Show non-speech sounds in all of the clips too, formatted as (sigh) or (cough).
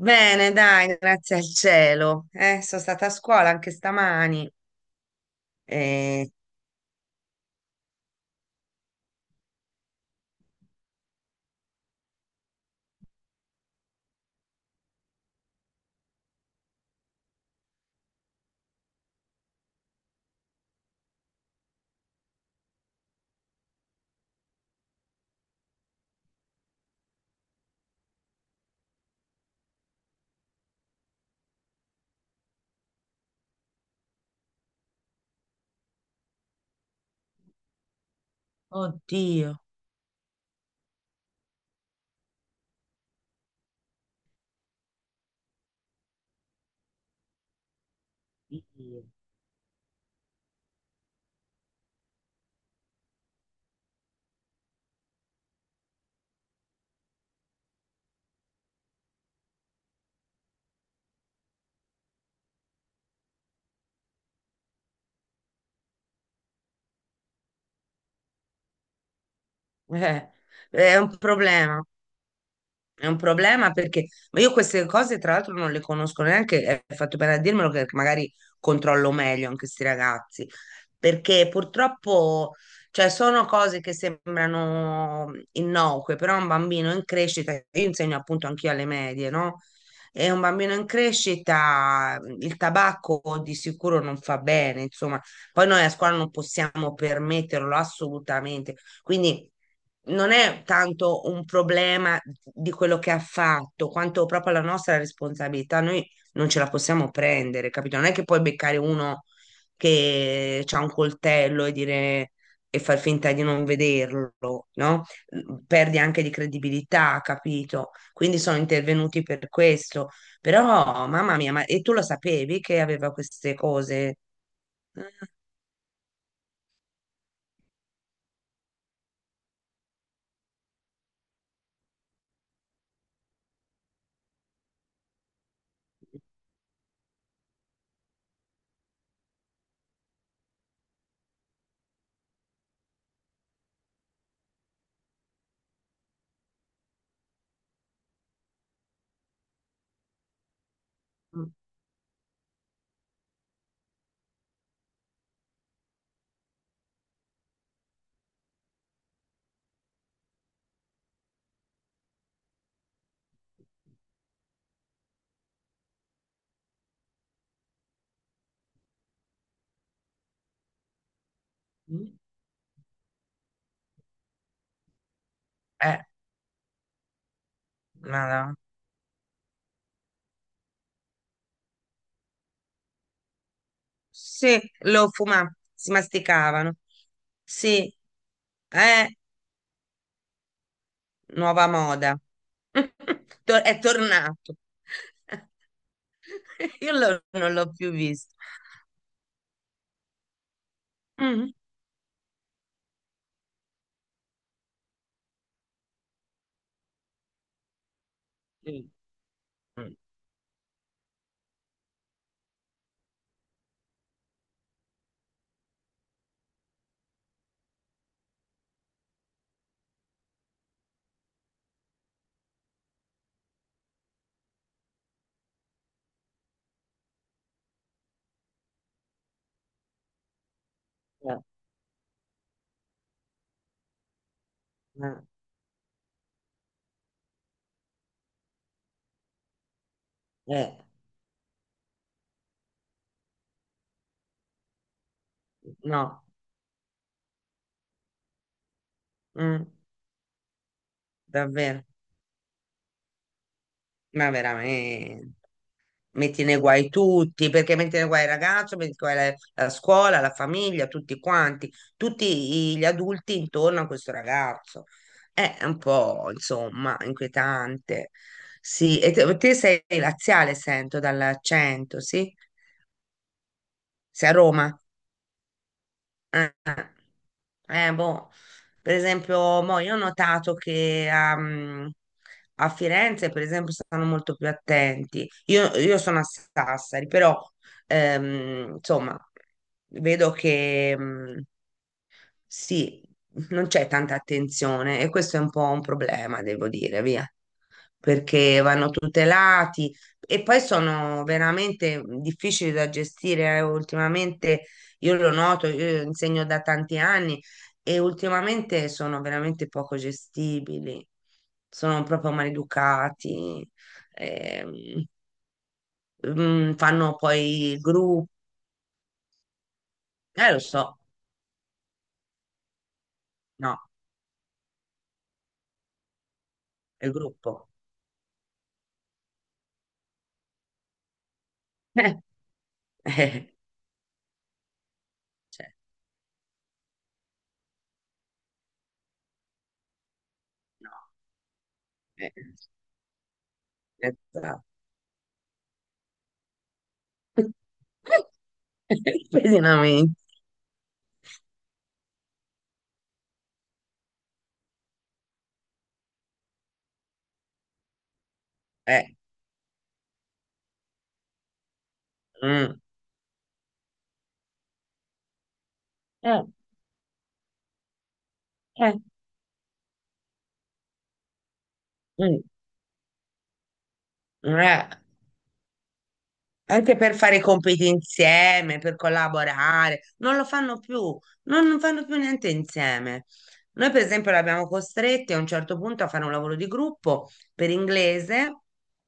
Bene, dai, grazie al cielo. Sono stata a scuola anche stamani. e Oddio. (laughs) Dio. Eh, è un problema. È un problema perché ma io queste cose tra l'altro non le conosco neanche, è fatto bene a dirmelo che magari controllo meglio anche questi ragazzi, perché purtroppo cioè, sono cose che sembrano innocue, però un bambino in crescita, io insegno appunto anch'io alle medie, no? E un bambino in crescita il tabacco di sicuro non fa bene, insomma, poi noi a scuola non possiamo permetterlo assolutamente, quindi non è tanto un problema di quello che ha fatto, quanto proprio la nostra responsabilità. Noi non ce la possiamo prendere, capito? Non è che puoi beccare uno che ha un coltello e dire e far finta di non vederlo, no? Perdi anche di credibilità, capito? Quindi sono intervenuti per questo. Però, mamma mia, ma e tu lo sapevi che aveva queste cose? Eh, ma no. Sì, lo fumavano, si masticavano. Sì, eh, nuova moda. (laughs) È tornato. (laughs) Non l'ho più visto. Mm. Mm. Mm. Eh, eh, eh, no. Mm, Davvero, ma veramente. Metti nei guai tutti, perché metti nei guai il ragazzo, metti nei guai la, scuola, la famiglia, tutti quanti, tutti gli adulti intorno a questo ragazzo. È un po', insomma, inquietante. Sì, e te sei laziale, sento dall'accento, sì? Sei a Roma? Ah, ah. Boh, per esempio, mo io ho notato che a Firenze, per esempio, stanno molto più attenti. Io sono a Sassari, però, insomma, vedo che, sì, non c'è tanta attenzione e questo è un po' un problema, devo dire, via, perché vanno tutelati e poi sono veramente difficili da gestire. Eh. Ultimamente io lo noto, io insegno da tanti anni e ultimamente sono veramente poco gestibili, sono proprio maleducati, ehm, fanno poi il gruppo, lo so, no, il gruppo. (laughs) Eh, eh, cioè, no. Eh, esatto. (laughs) Pesinamento. Eh, mm, eh, eh, mm, eh. Anche per fare i compiti insieme, per collaborare, non lo fanno più, non fanno più niente insieme. Noi, per esempio, l'abbiamo costretti a un certo punto a fare un lavoro di gruppo per inglese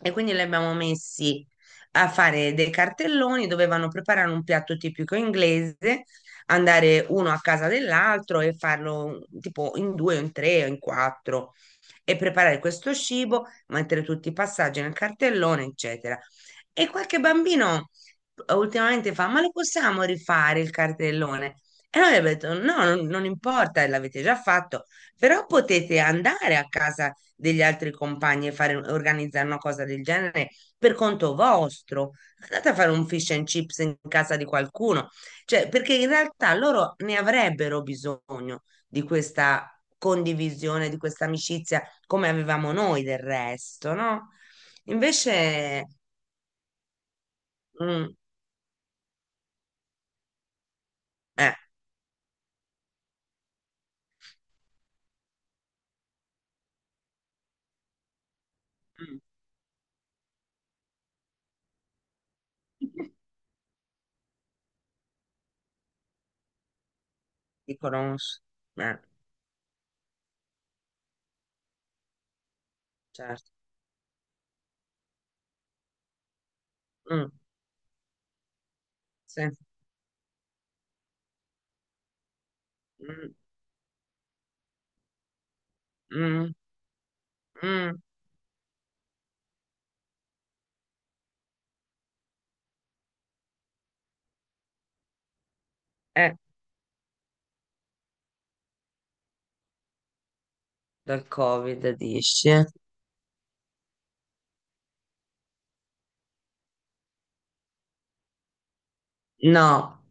e quindi li abbiamo messi a fare dei cartelloni, dovevano preparare un piatto tipico inglese, andare uno a casa dell'altro e farlo tipo in due o in tre o in quattro e preparare questo cibo, mettere tutti i passaggi nel cartellone, eccetera. E qualche bambino ultimamente fa, ma lo possiamo rifare il cartellone? E noi abbiamo detto, no, non importa, l'avete già fatto, però potete andare a casa degli altri compagni e fare, organizzare una cosa del genere per conto vostro. Andate a fare un fish and chips in casa di qualcuno, cioè, perché in realtà loro ne avrebbero bisogno di questa condivisione, di questa amicizia, come avevamo noi del resto, no? Invece. Mm, eh, mm. (laughs) ti conosco. Eh, certo. Mm, sì. Mm, mm, mm, eh, dal Covid dici? No,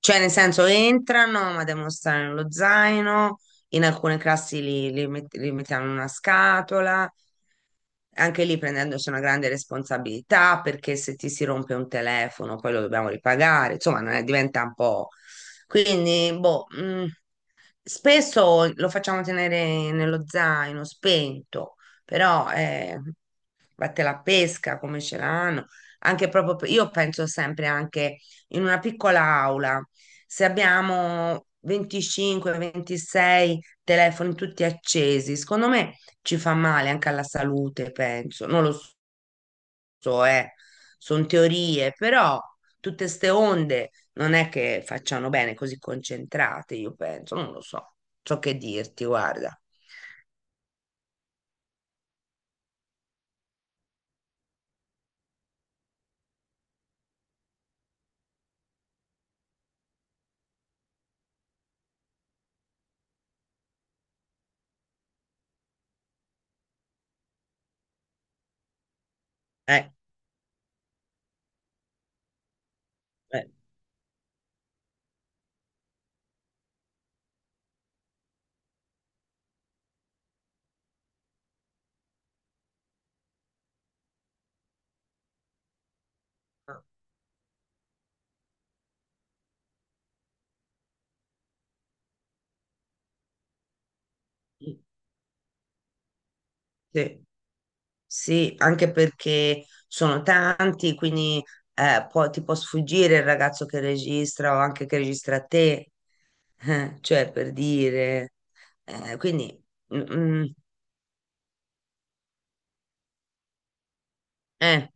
cioè nel senso entrano, ma devono stare nello zaino, in alcune classi li mettiamo in una scatola, anche lì prendendosi una grande responsabilità perché se ti si rompe un telefono poi lo dobbiamo ripagare, insomma, ne diventa un po'. Quindi, boh, spesso lo facciamo tenere nello zaino spento, però vatte la pesca come ce l'hanno. Anche proprio, io penso sempre anche in una piccola aula, se abbiamo 25, 26 telefoni tutti accesi, secondo me ci fa male anche alla salute, penso. Non lo so, eh. Sono teorie, però tutte ste onde non è che facciano bene così concentrate, io penso, non lo so. So che dirti, guarda. Eh, eh, sì, sì, anche perché sono tanti, quindi ti può sfuggire il ragazzo che registra o anche che registra te, cioè per dire. Quindi, mm, mm, eh,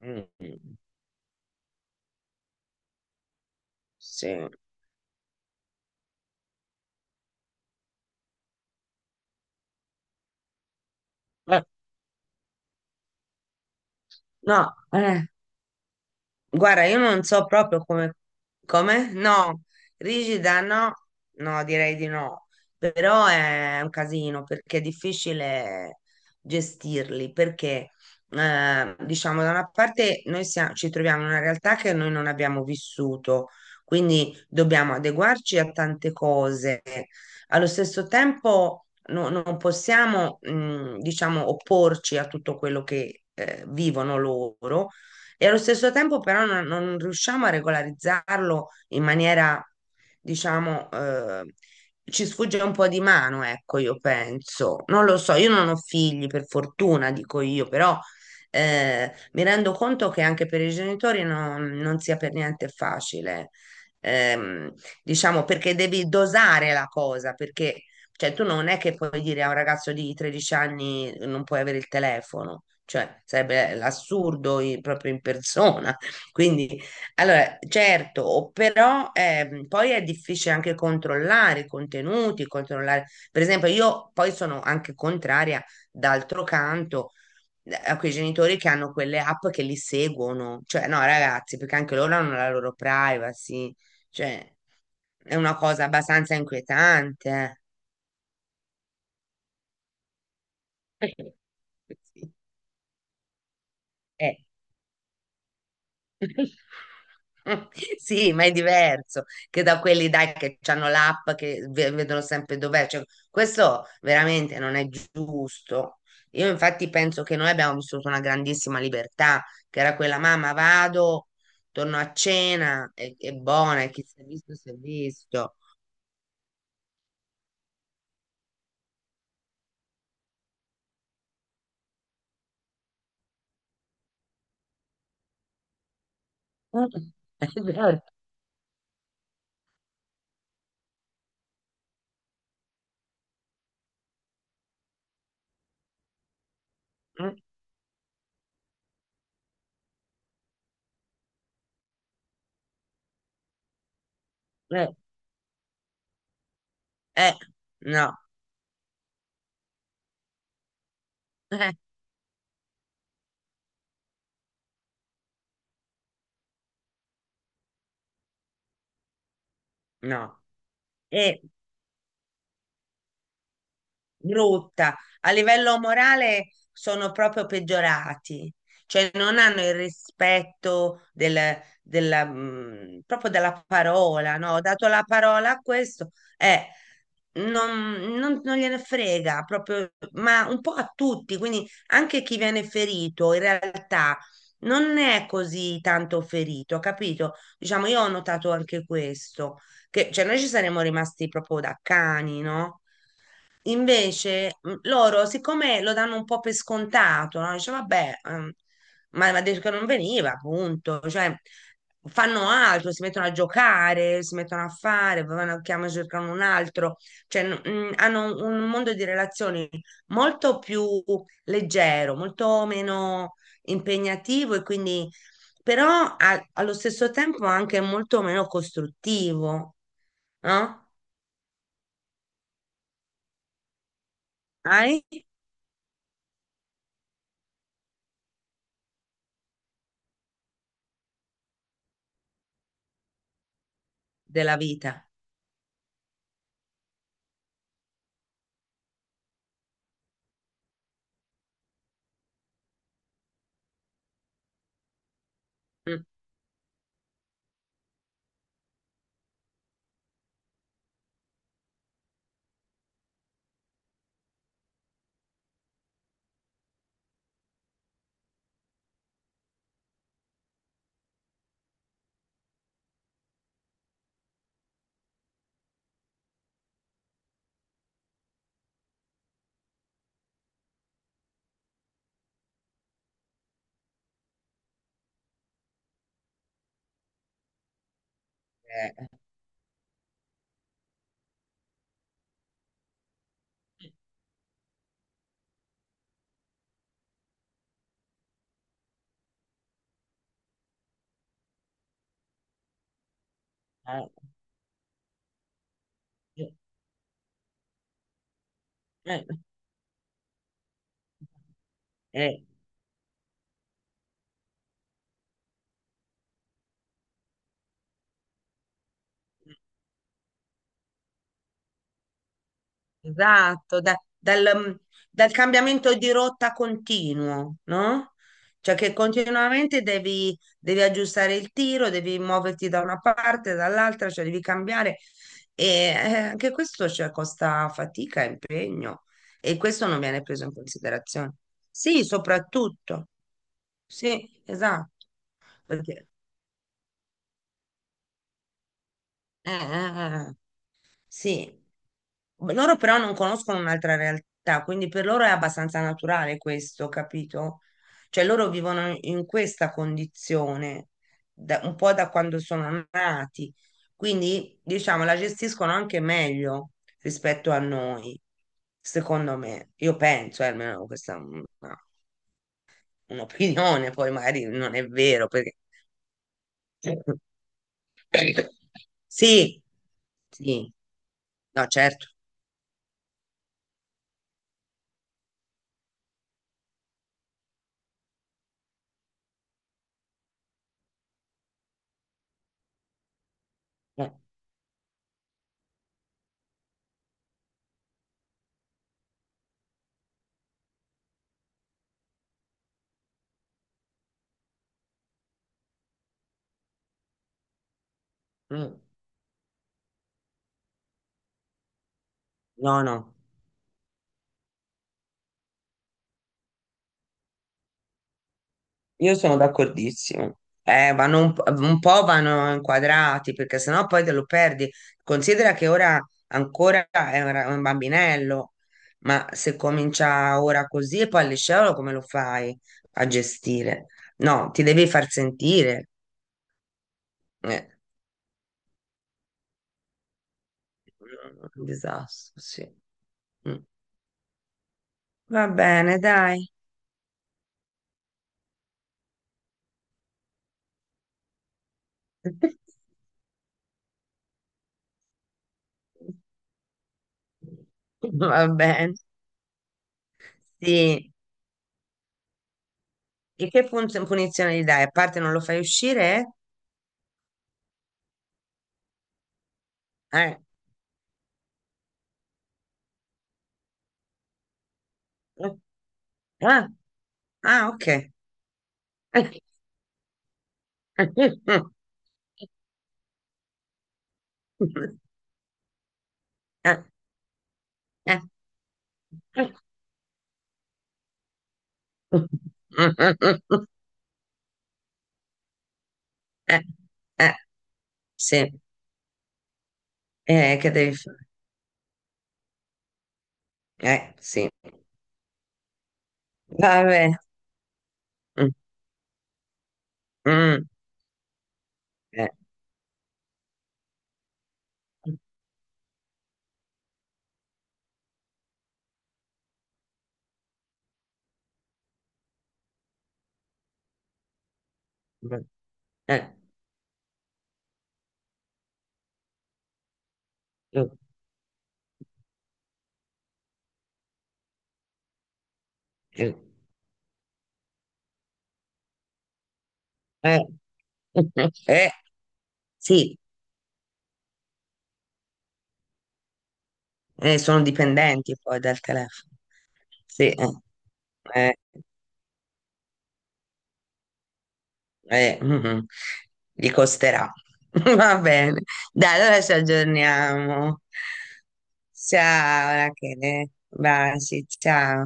mm. Sì. Eh, no, Guarda, io non so proprio come, no, rigida no, no, direi di no, però è un casino perché è difficile gestirli, perché diciamo da una parte noi ci troviamo in una realtà che noi non abbiamo vissuto, quindi dobbiamo adeguarci a tante cose, allo stesso tempo non possiamo, diciamo, opporci a tutto quello che vivono loro e allo stesso tempo però non riusciamo a regolarizzarlo in maniera, diciamo, ci sfugge un po' di mano, ecco, io penso. Non lo so, io non ho figli, per fortuna, dico io, però mi rendo conto che anche per i genitori non sia per niente facile. Ehm, diciamo perché devi dosare la cosa, perché cioè, tu non è che puoi dire a un ragazzo di 13 anni non puoi avere il telefono, cioè sarebbe l'assurdo proprio in persona. (laughs) Quindi, allora, certo, o però poi è difficile anche controllare i contenuti, controllare, per esempio, io poi sono anche contraria, d'altro canto, a quei genitori che hanno quelle app che li seguono, cioè no, ragazzi, perché anche loro hanno la loro privacy, cioè è una cosa abbastanza inquietante. Eh. (laughs) Eh, Sì, eh. (laughs) Sì, ma è diverso che da quelli dai che hanno l'app che vedono sempre dov'è. Cioè, questo veramente non è giusto. Io infatti penso che noi abbiamo vissuto una grandissima libertà, che era quella mamma, vado, torno a cena, è buona, e chi si è visto si è visto. Eh, (laughs) è vero. Eh, eh, eh, no, eh, no. E brutta. A livello morale sono proprio peggiorati, cioè non hanno il rispetto della, proprio della parola, no? Ho dato la parola a questo, eh, non, non gliene frega proprio, ma un po' a tutti, quindi anche chi viene ferito in realtà non è così tanto ferito, capito? Diciamo, io ho notato anche questo, che cioè, noi ci saremmo rimasti proprio da cani, no? Invece loro, siccome lo danno un po' per scontato, no? Dice, vabbè, ma ha detto che non veniva, appunto. Cioè, fanno altro, si mettono a giocare, si mettono a fare, poi vanno a chiamare, cercano un altro. Cioè, hanno un mondo di relazioni molto più leggero, molto meno impegnativo e quindi, però allo stesso tempo anche molto meno costruttivo, no? Hai della vita. Mm. Eh, eh, eh, eh, esatto, dal cambiamento di rotta continuo, no? Cioè che continuamente devi aggiustare il tiro, devi muoverti da una parte, dall'altra, cioè devi cambiare. E anche questo, cioè, costa fatica, e impegno e questo non viene preso in considerazione. Sì, soprattutto. Sì, esatto. Perché, eh. Sì, loro però non conoscono un'altra realtà, quindi per loro è abbastanza naturale questo, capito? Cioè loro vivono in questa condizione un po' da quando sono nati, quindi diciamo la gestiscono anche meglio rispetto a noi, secondo me. Io penso, almeno questa è un'opinione, poi magari non è vero, perché... (coughs) Sì, sì, no, certo. Eh, mm, No, no. Io sono d'accordissimo. Vanno un po' vanno inquadrati perché sennò poi te lo perdi. Considera che ora ancora è un bambinello, ma se comincia ora così e poi al liceo come lo fai a gestire? No, ti devi far sentire. Eh, un disastro, sì. Mm. Va bene, dai. (laughs) Va bene. Sì. E che punizione gli dai? A parte non lo fai uscire? Eh. Eh. Ah, ah, ok. Eh, eh, eh, eh, eh, eh, sì, che devi fare? Sì. Vabbè. Mm, mm, eh, mm, eh, eh, eh, eh, eh, sì, sono dipendenti poi dal telefono. Sì, eh. Eh, mm, gli costerà. (laughs) Va bene. Dai, allora ci aggiorniamo. Ciao, Rachele. Baci, ciao.